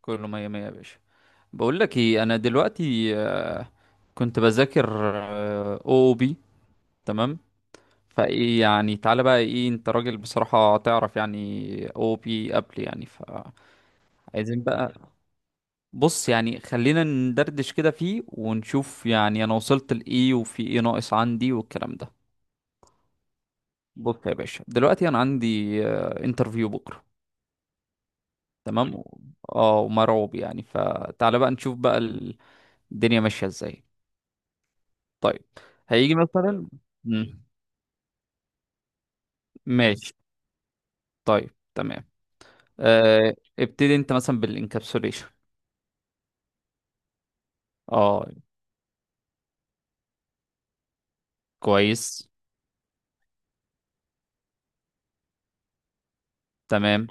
كله مية مية يا باشا. بقول لك ايه، انا دلوقتي كنت بذاكر او بي، تمام. فايه يعني، تعالى بقى، ايه انت راجل بصراحة تعرف يعني، او بي قبل يعني فعايزين بقى. بص يعني، خلينا ندردش كده فيه ونشوف يعني انا وصلت لايه وفي ايه ناقص عندي والكلام ده. بص يا باشا، دلوقتي انا عندي انترفيو بكرة، تمام. اه ومرعوب يعني، فتعالى بقى نشوف بقى الدنيا ماشية ازاي. طيب. هيجي مثلا. مم. ماشي. طيب. تمام. آه ابتدي انت مثلا بالانكابسوليشن. اه. كويس. تمام.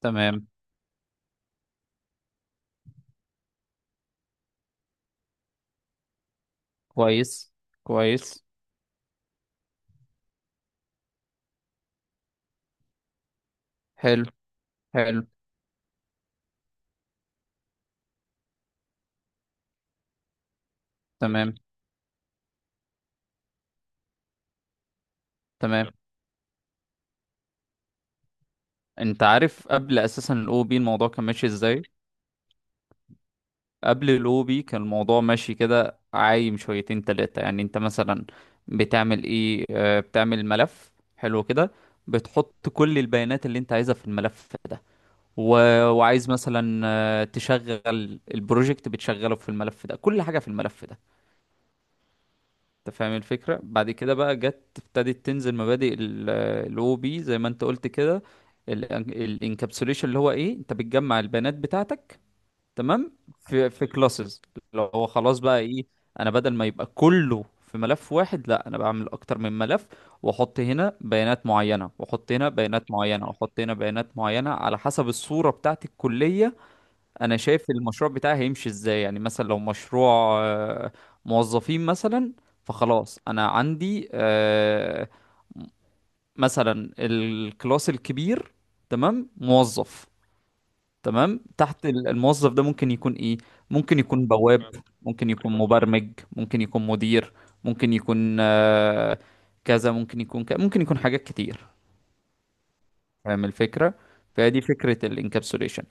تمام. كويس. كويس. حلو. حلو. تمام. تمام. انت عارف قبل اساسا الاو بي الموضوع كان ماشي ازاي؟ قبل الاو بي كان الموضوع ماشي كده، عايم شويتين تلاتة. يعني انت مثلا بتعمل ايه؟ آه بتعمل ملف، حلو كده، بتحط كل البيانات اللي انت عايزها في الملف ده، و... وعايز مثلا تشغل البروجكت، بتشغله في الملف ده، كل حاجة في الملف ده. انت فاهم الفكرة. بعد كده بقى جت، ابتدت تنزل مبادئ الاو بي زي ما انت قلت كده. الانكابسوليشن اللي هو ايه؟ انت بتجمع البيانات بتاعتك، تمام، في كلاسز. لو هو خلاص بقى ايه، انا بدل ما يبقى كله في ملف واحد، لا، انا بعمل اكتر من ملف، واحط هنا بيانات معينة، واحط هنا بيانات معينة، واحط هنا بيانات معينة، على حسب الصورة بتاعت الكلية. انا شايف المشروع بتاعي هيمشي ازاي، يعني مثلا لو مشروع آه، موظفين مثلا، فخلاص انا عندي مثلا الكلاس الكبير تمام، موظف تمام. تحت الموظف ده ممكن يكون ايه؟ ممكن يكون بواب، ممكن يكون مبرمج، ممكن يكون مدير، ممكن يكون كذا، ممكن يكون كذا، ممكن يكون حاجات كتير. فاهم الفكرة. فدي فكرة الانكابسوليشن.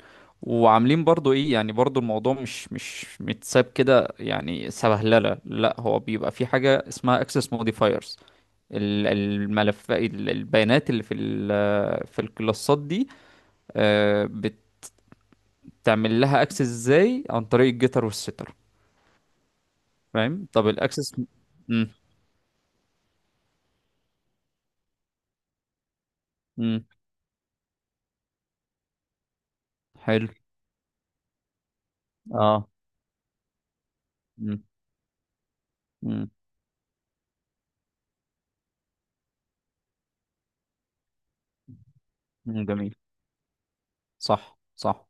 وعاملين برضو ايه يعني، برضو الموضوع مش مش متساب كده يعني، سبهللة. لا، هو بيبقى في حاجة اسمها access modifiers. الملف، البيانات اللي في في الكلاسات دي آه، بتعمل لها access ازاي؟ عن طريق الجيتر والستر. فاهم؟ طب الاكسس. امم. امم. حلو. اه. امم. امم. جميل. صح. صح.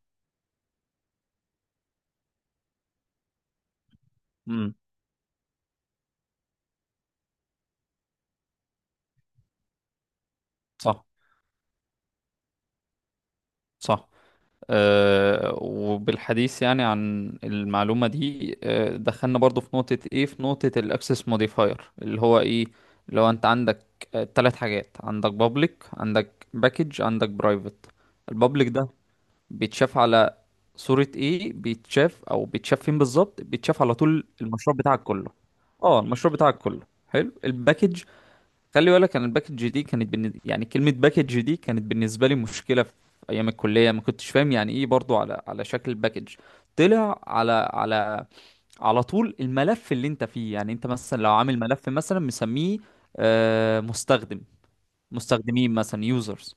امم. صح. صح. وبالحديث يعني عن المعلومة دي، دخلنا برضو في نقطة ايه، في نقطة الاكسس موديفاير اللي هو ايه. لو انت عندك ثلاث حاجات، عندك بابليك، عندك باكج، عندك برايفت. البابليك ده بيتشاف على صورة ايه؟ بيتشاف، او بيتشاف فين بالظبط؟ بيتشاف على طول المشروع بتاعك كله. اه، المشروع بتاعك كله. حلو. الباكج، خلي بالك، انا الباكج دي كانت يعني كلمه باكج دي كانت بالنسبه لي مشكله في ايام الكليه، ما كنتش فاهم يعني ايه برضو، على شكل باكج. طلع على على طول الملف اللي انت فيه. يعني انت مثلا لو عامل ملف مثلا مسميه مستخدم، مستخدمين مثلا، يوزرز،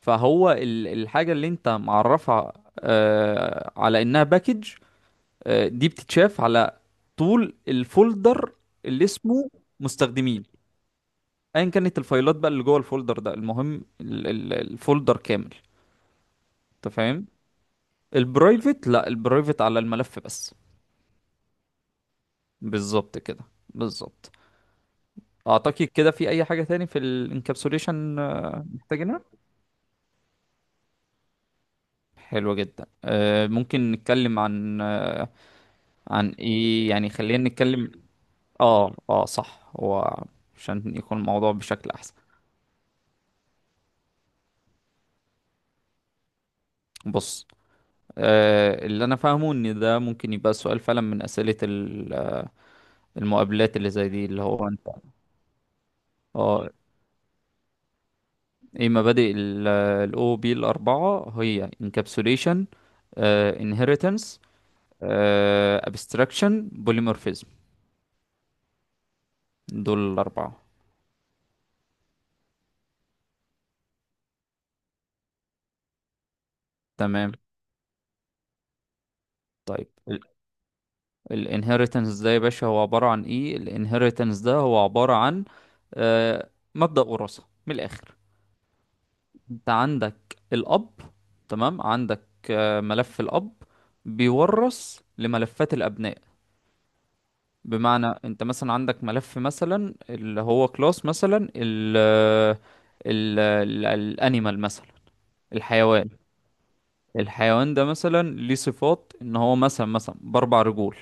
فهو الحاجه اللي انت معرفها على انها باكج، دي بتتشاف على طول الفولدر اللي اسمه مستخدمين. ايا كانت الفايلات بقى اللي جوه الفولدر ده، المهم الفولدر كامل. انت فاهم. البرايفت، لا، البرايفت على الملف بس. بالظبط كده، بالظبط. اعتقد كده، في اي حاجة تاني في الانكابسوليشن محتاجينها؟ حلوة جدا. ممكن نتكلم عن عن ايه يعني، خلينا نتكلم. اه. اه. صح. هو عشان يكون الموضوع بشكل احسن. بص، اللي انا فاهمه ان ده ممكن يبقى سؤال فعلا من اسئلة المقابلات اللي زي دي، اللي هو انت. اه. ايه مبادئ الاو بي الاربعه؟ هي انكابسوليشن، انهيرتنس، ابستراكشن، بوليمورفيزم. دول الاربعه. تمام. طيب. الانهيرتنس ده يا باشا هو عباره عن ايه؟ الانهيرتنس ده هو عباره عن آه، مبدأ وراثة من الآخر. انت عندك الأب، تمام، عندك ملف الأب بيورث لملفات الأبناء. بمعنى انت مثلا عندك ملف مثلا اللي هو كلاس مثلا ال الانيمال مثلا، الحيوان. الحيوان ده مثلا ليه صفات ان هو مثلا مثلا باربع رجول،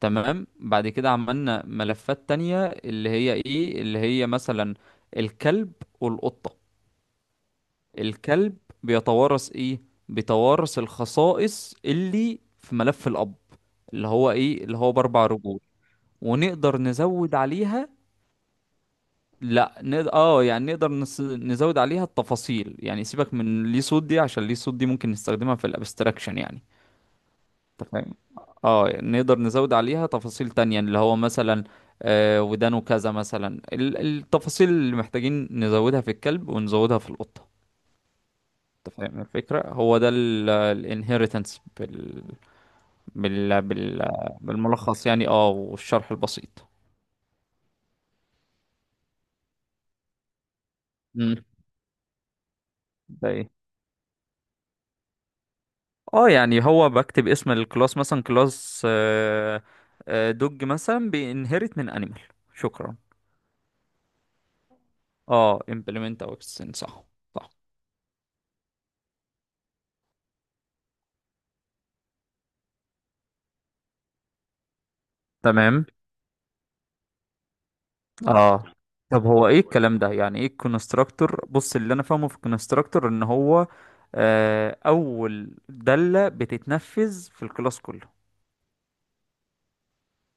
تمام. بعد كده عملنا ملفات تانية اللي هي ايه، اللي هي مثلا الكلب والقطة. الكلب بيتوارث ايه؟ بيتوارث الخصائص اللي في ملف الاب، اللي هو ايه، اللي هو باربع رجول، ونقدر نزود عليها. لا نقدر، اه يعني نقدر نزود عليها التفاصيل. يعني سيبك من ليه صوت دي، عشان ليه صوت دي ممكن نستخدمها في الابستراكشن يعني. انت فاهم. اه يعني نقدر نزود عليها تفاصيل تانية، اللي هو مثلا آه ودانه كذا مثلا، التفاصيل اللي محتاجين نزودها في الكلب ونزودها في القطة. انت فاهم الفكرة. هو ده الانهيرتنس بال... بال... بالملخص يعني، اه، والشرح البسيط. مم. ده اه يعني هو بكتب اسم الكلاس مثلا كلاس دوج مثلا بينهرت من انيمال. شكرا. اه، implement او extend، صح. صح. تمام. اه طب هو ايه الكلام ده، يعني ايه الكونستراكتور؟ بص، اللي انا فاهمه في الكونستراكتور ان هو اول دالة بتتنفذ في الكلاس كله.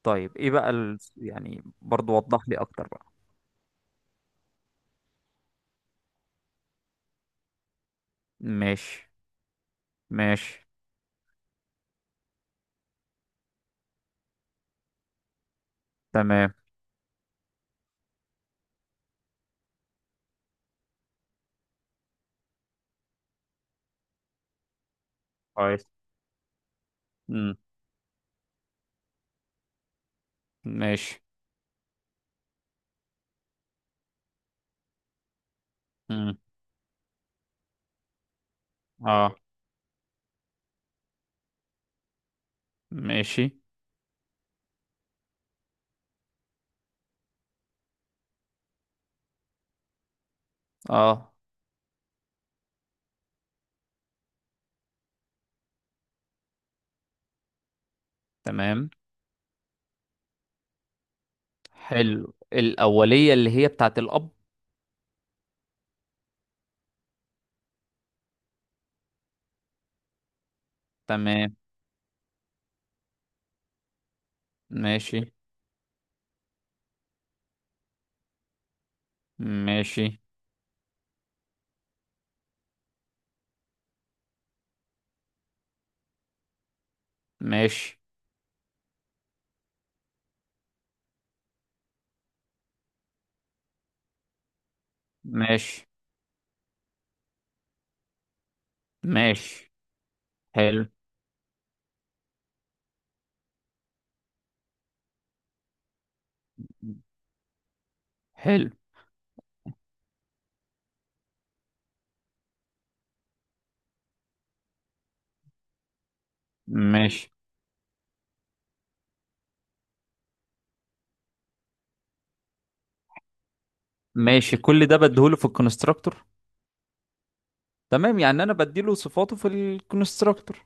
طيب ايه بقى يعني برضو وضح لي اكتر بقى. ماشي. ماشي. تمام. كويس. امم. ماشي. امم. اه. ماشي. اه. تمام. حلو. الأولية اللي هي بتاعت الأب، تمام. ماشي. ماشي. ماشي. ماشي. ماشي. حلو. حلو. ماشي. ماشي. كل ده بديهوله في الكونستراكتور. تمام، يعني انا بديله صفاته في الكونستراكتور،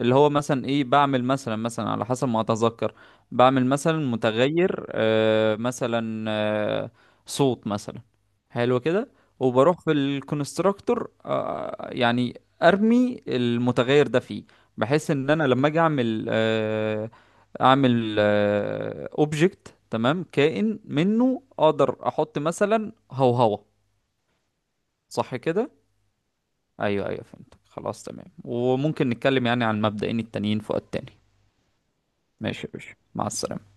اللي هو مثلا ايه، بعمل مثلا مثلا على حسب ما اتذكر، بعمل مثلا متغير آه مثلا آه صوت مثلا، حلو كده. وبروح في الكونستراكتور آه يعني ارمي المتغير ده فيه، بحيث ان انا لما اجي اعمل آه اعمل اوبجكت، تمام، كائن منه اقدر احط مثلا هوهوة. صح كده؟ ايوه، ايوه، فهمت، خلاص، تمام. وممكن نتكلم يعني عن مبدئين التانيين في وقت تاني. ماشي يا باشا، مع السلامة.